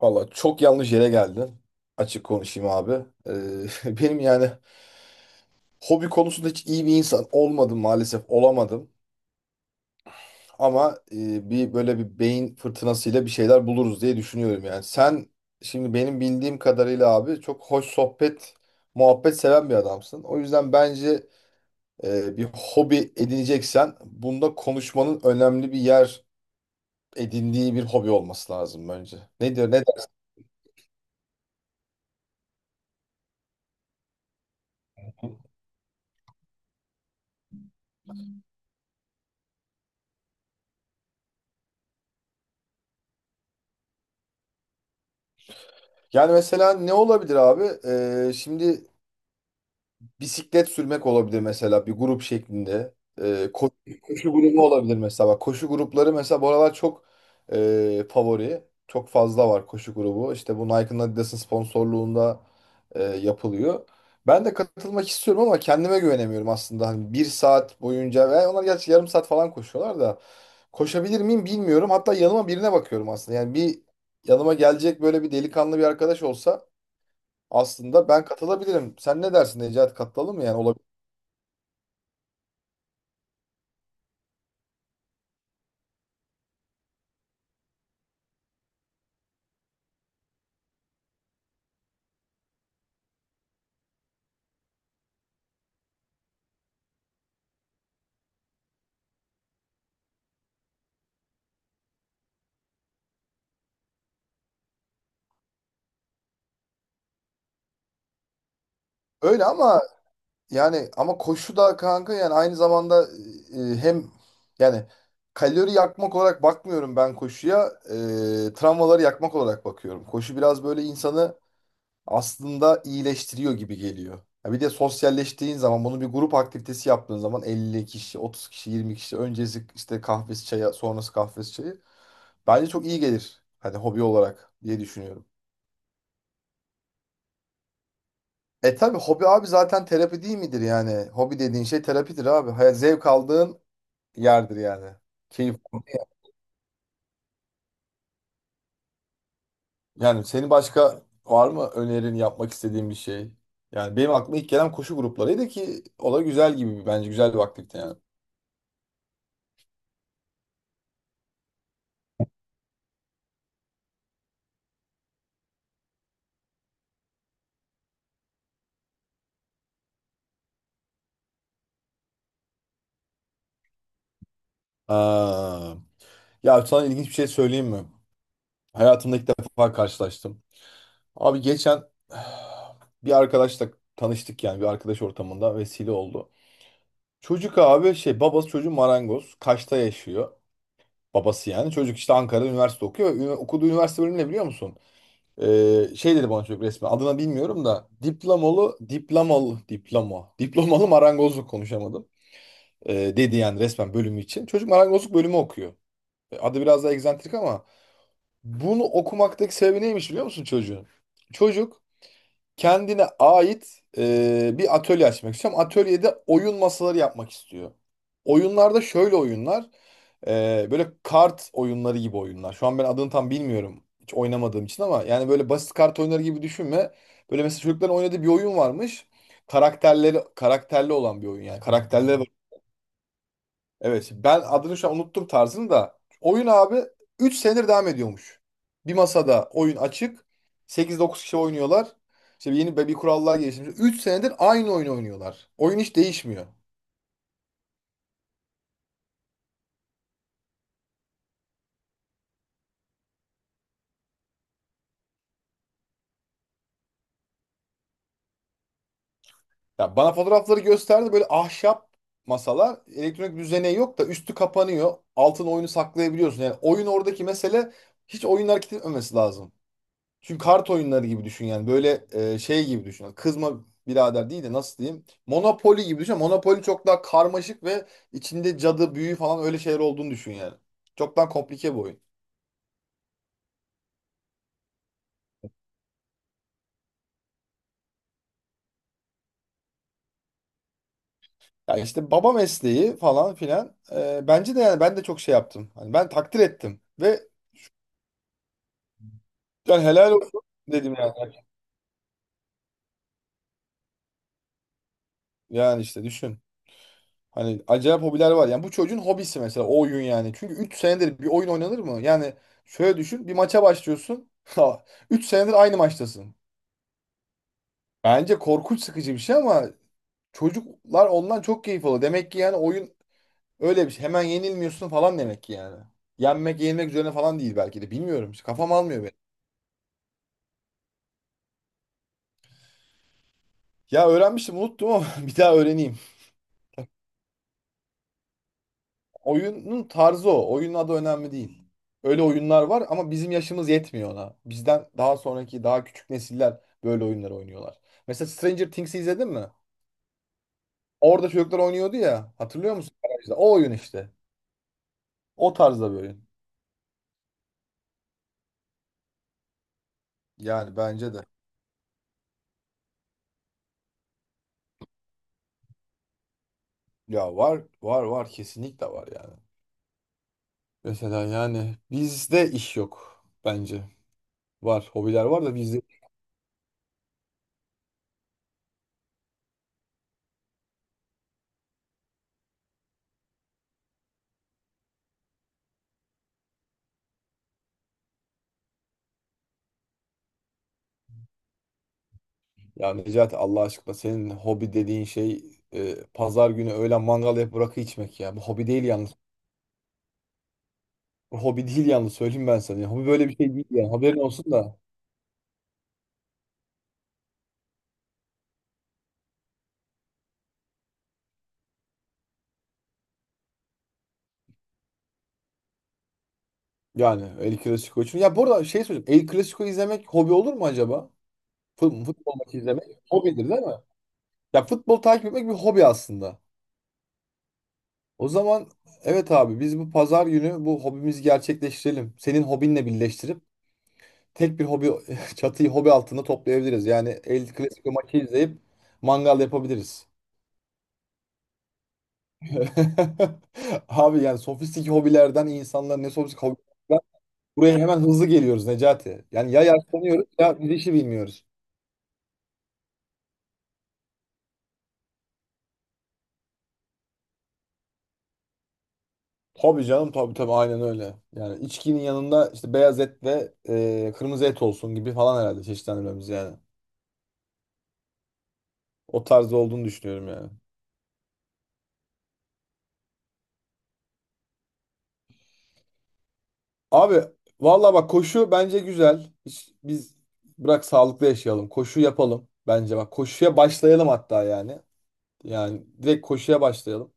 Valla çok yanlış yere geldin. Açık konuşayım abi. Benim yani hobi konusunda hiç iyi bir insan olmadım, maalesef olamadım. Ama bir böyle bir beyin fırtınasıyla bir şeyler buluruz diye düşünüyorum yani. Sen şimdi benim bildiğim kadarıyla abi çok hoş sohbet, muhabbet seven bir adamsın. O yüzden bence bir hobi edineceksen bunda konuşmanın önemli bir yer edindiği bir hobi olması lazım bence. Ne diyor, ne der? Yani mesela ne olabilir abi? Şimdi bisiklet sürmek olabilir mesela, bir grup şeklinde. Ee, ko- koşu grubu olabilir mesela. Bak, koşu grupları mesela bu aralar çok favori. Çok fazla var koşu grubu. İşte bu Nike'ın, Adidas'ın sponsorluğunda yapılıyor. Ben de katılmak istiyorum ama kendime güvenemiyorum aslında. Hani bir saat boyunca, ve onlar gerçi yarım saat falan koşuyorlar da, koşabilir miyim bilmiyorum. Hatta yanıma birine bakıyorum aslında. Yani bir yanıma gelecek böyle bir delikanlı bir arkadaş olsa aslında ben katılabilirim. Sen ne dersin Necati, katılalım mı, yani olabilir. Öyle ama yani ama koşu da kanka, yani aynı zamanda hem yani kalori yakmak olarak bakmıyorum ben koşuya. Travmaları yakmak olarak bakıyorum. Koşu biraz böyle insanı aslında iyileştiriyor gibi geliyor. Ya bir de sosyalleştiğin zaman, bunu bir grup aktivitesi yaptığın zaman, 50 kişi, 30 kişi, 20 kişi, öncesi işte kahvesi çaya, sonrası kahvesi çayı, bence çok iyi gelir. Hani hobi olarak diye düşünüyorum. E tabii hobi abi zaten terapi değil midir yani? Hobi dediğin şey terapidir abi. Hayat zevk aldığın yerdir yani. Keyif. Yani senin başka var mı önerin, yapmak istediğin bir şey? Yani benim aklıma ilk gelen koşu gruplarıydı, ki o da güzel, gibi bence güzel bir aktivite yani. Aa, ya sana ilginç bir şey söyleyeyim mi? Hayatımda ilk defa karşılaştım. Abi geçen bir arkadaşla tanıştık, yani bir arkadaş ortamında vesile oldu. Çocuk abi şey, babası çocuğu marangoz. Kaş'ta yaşıyor. Babası yani. Çocuk işte Ankara'da üniversite okuyor. Okuduğu üniversite bölümü ne biliyor musun? Şey dedi bana çocuk resmen. Adını bilmiyorum da. Diplomalı, diplomalı, diploma. Diplomalı marangozluk, konuşamadım. Dedi yani resmen bölümü için. Çocuk marangozluk bölümü okuyor. Adı biraz daha egzantrik ama bunu okumaktaki sebebi neymiş biliyor musun çocuğun? Çocuk kendine ait bir atölye açmak istiyorum. Atölyede oyun masaları yapmak istiyor. Oyunlarda şöyle oyunlar. Böyle kart oyunları gibi oyunlar. Şu an ben adını tam bilmiyorum. Hiç oynamadığım için ama yani böyle basit kart oyunları gibi düşünme. Böyle mesela çocukların oynadığı bir oyun varmış. Karakterleri karakterli olan bir oyun yani. Karakterlere. Hmm. Evet ben adını şu an unuttum, tarzını da. Oyun abi 3 senedir devam ediyormuş. Bir masada oyun açık. 8-9 kişi oynuyorlar. İşte yeni bir kurallar geliştirmiş. 3 senedir aynı oyunu oynuyorlar. Oyun hiç değişmiyor. Ya bana fotoğrafları gösterdi, böyle ahşap masalar. Elektronik düzeneği yok da üstü kapanıyor. Altın oyunu saklayabiliyorsun. Yani oyun, oradaki mesele hiç oyun hareket etmemesi lazım. Çünkü kart oyunları gibi düşün yani. Böyle şey gibi düşün. Kızma birader değil de, nasıl diyeyim? Monopoly gibi düşün. Monopoly çok daha karmaşık ve içinde cadı, büyü falan öyle şeyler olduğunu düşün yani. Çok daha komplike bir oyun. Yani işte baba mesleği falan filan. Bence de yani ben de çok şey yaptım. Hani ben takdir ettim ve yani helal olsun dedim yani. Yani işte düşün. Hani acayip hobiler var. Yani bu çocuğun hobisi mesela o oyun yani. Çünkü 3 senedir bir oyun oynanır mı? Yani şöyle düşün. Bir maça başlıyorsun. 3 senedir aynı maçtasın. Bence korkunç sıkıcı bir şey ama çocuklar ondan çok keyif alıyor. Demek ki yani oyun öyle bir şey. Hemen yenilmiyorsun falan demek ki yani. Yenmek yenilmek üzerine falan değil belki de. Bilmiyorum. İşte kafam almıyor beni. Ya öğrenmiştim, unuttum ama bir daha öğreneyim. Oyunun tarzı o. Oyunun adı önemli değil. Öyle oyunlar var ama bizim yaşımız yetmiyor ona. Bizden daha sonraki, daha küçük nesiller böyle oyunları oynuyorlar. Mesela Stranger Things'i izledin mi? Orada çocuklar oynuyordu ya. Hatırlıyor musun? Garajda. O oyun işte. O tarzda bir oyun. Yani bence de. Ya var var var, kesinlikle var yani. Mesela yani bizde iş yok bence. Var, hobiler var da bizde. Ya Necati, Allah aşkına senin hobi dediğin şey pazar günü öğlen mangal yapıp rakı içmek ya. Bu hobi değil yalnız. Bu hobi değil yalnız, söyleyeyim ben sana. Ya, hobi böyle bir şey değil yani, haberin olsun da. Yani El Clasico için. Ya burada şey söyleyeceğim. El Clasico izlemek hobi olur mu acaba? Futbol maçı izlemek hobidir değil mi? Ya futbol takip etmek bir hobi aslında. O zaman evet abi, biz bu pazar günü bu hobimizi gerçekleştirelim. Senin hobinle birleştirip tek bir hobi çatıyı hobi altında toplayabiliriz. Yani El Clasico maçı izleyip mangal yapabiliriz. Abi yani sofistik hobilerden, insanlar ne, sofistik hobilerden buraya hemen hızlı geliyoruz Necati. Yani ya yaşlanıyoruz ya bir işi bilmiyoruz. Tabii canım, tabii tabii, aynen öyle. Yani içkinin yanında işte beyaz et ve kırmızı et olsun gibi falan, herhalde çeşitlendirmemiz yani. O tarzda olduğunu düşünüyorum yani. Abi valla bak, koşu bence güzel. Biz bırak sağlıklı yaşayalım. Koşu yapalım bence bak. Koşuya başlayalım hatta yani. Yani direkt koşuya başlayalım.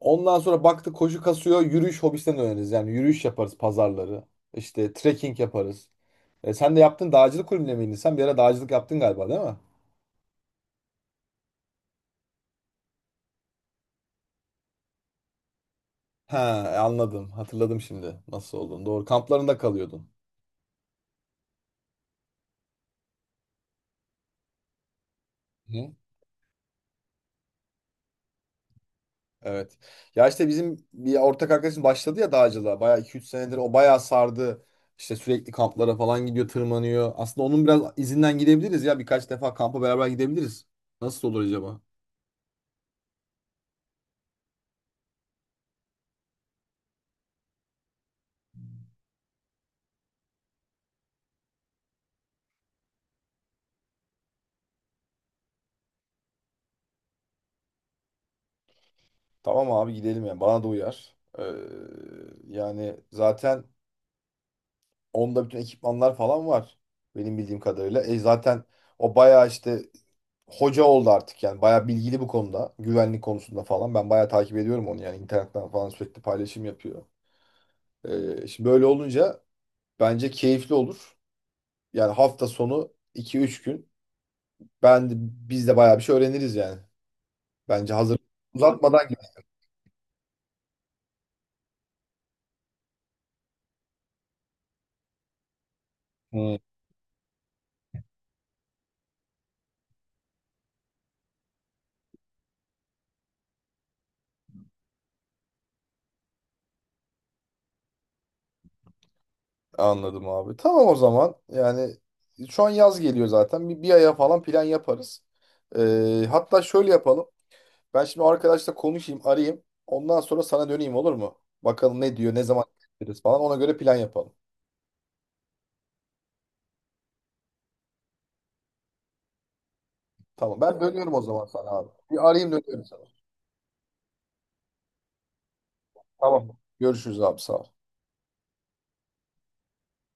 Ondan sonra baktık koşu kasıyor, yürüyüş hobisinden öğreniriz. Yani yürüyüş yaparız pazarları. İşte trekking yaparız. E, sen de yaptın dağcılık kulübüne miydin? Sen bir ara dağcılık yaptın galiba değil mi? He, anladım. Hatırladım şimdi nasıl olduğunu. Doğru, kamplarında kalıyordun. Hı. Evet. Ya işte bizim bir ortak arkadaşım başladı ya dağcılığa. Bayağı 2-3 senedir, o bayağı sardı. İşte sürekli kamplara falan gidiyor, tırmanıyor. Aslında onun biraz izinden gidebiliriz ya. Birkaç defa kampa beraber gidebiliriz. Nasıl olur acaba? Tamam abi gidelim yani. Bana da uyar. Yani zaten onda bütün ekipmanlar falan var. Benim bildiğim kadarıyla. E zaten o bayağı işte hoca oldu artık yani. Bayağı bilgili bu konuda. Güvenlik konusunda falan. Ben bayağı takip ediyorum onu yani. İnternetten falan sürekli paylaşım yapıyor. Şimdi böyle olunca bence keyifli olur. Yani hafta sonu 2-3 gün biz de bayağı bir şey öğreniriz yani. Bence hazır uzatmadan gidelim. Hmm, anladım abi. Tamam o zaman. Yani şu an yaz geliyor zaten. Bir aya falan plan yaparız. Hatta şöyle yapalım. Ben şimdi o arkadaşla konuşayım, arayayım. Ondan sonra sana döneyim olur mu? Bakalım ne diyor, ne zaman gideriz falan. Ona göre plan yapalım. Tamam. Ben dönüyorum o zaman sana abi. Bir arayayım, dönüyorum sana. Tamam. Görüşürüz abi, sağ ol.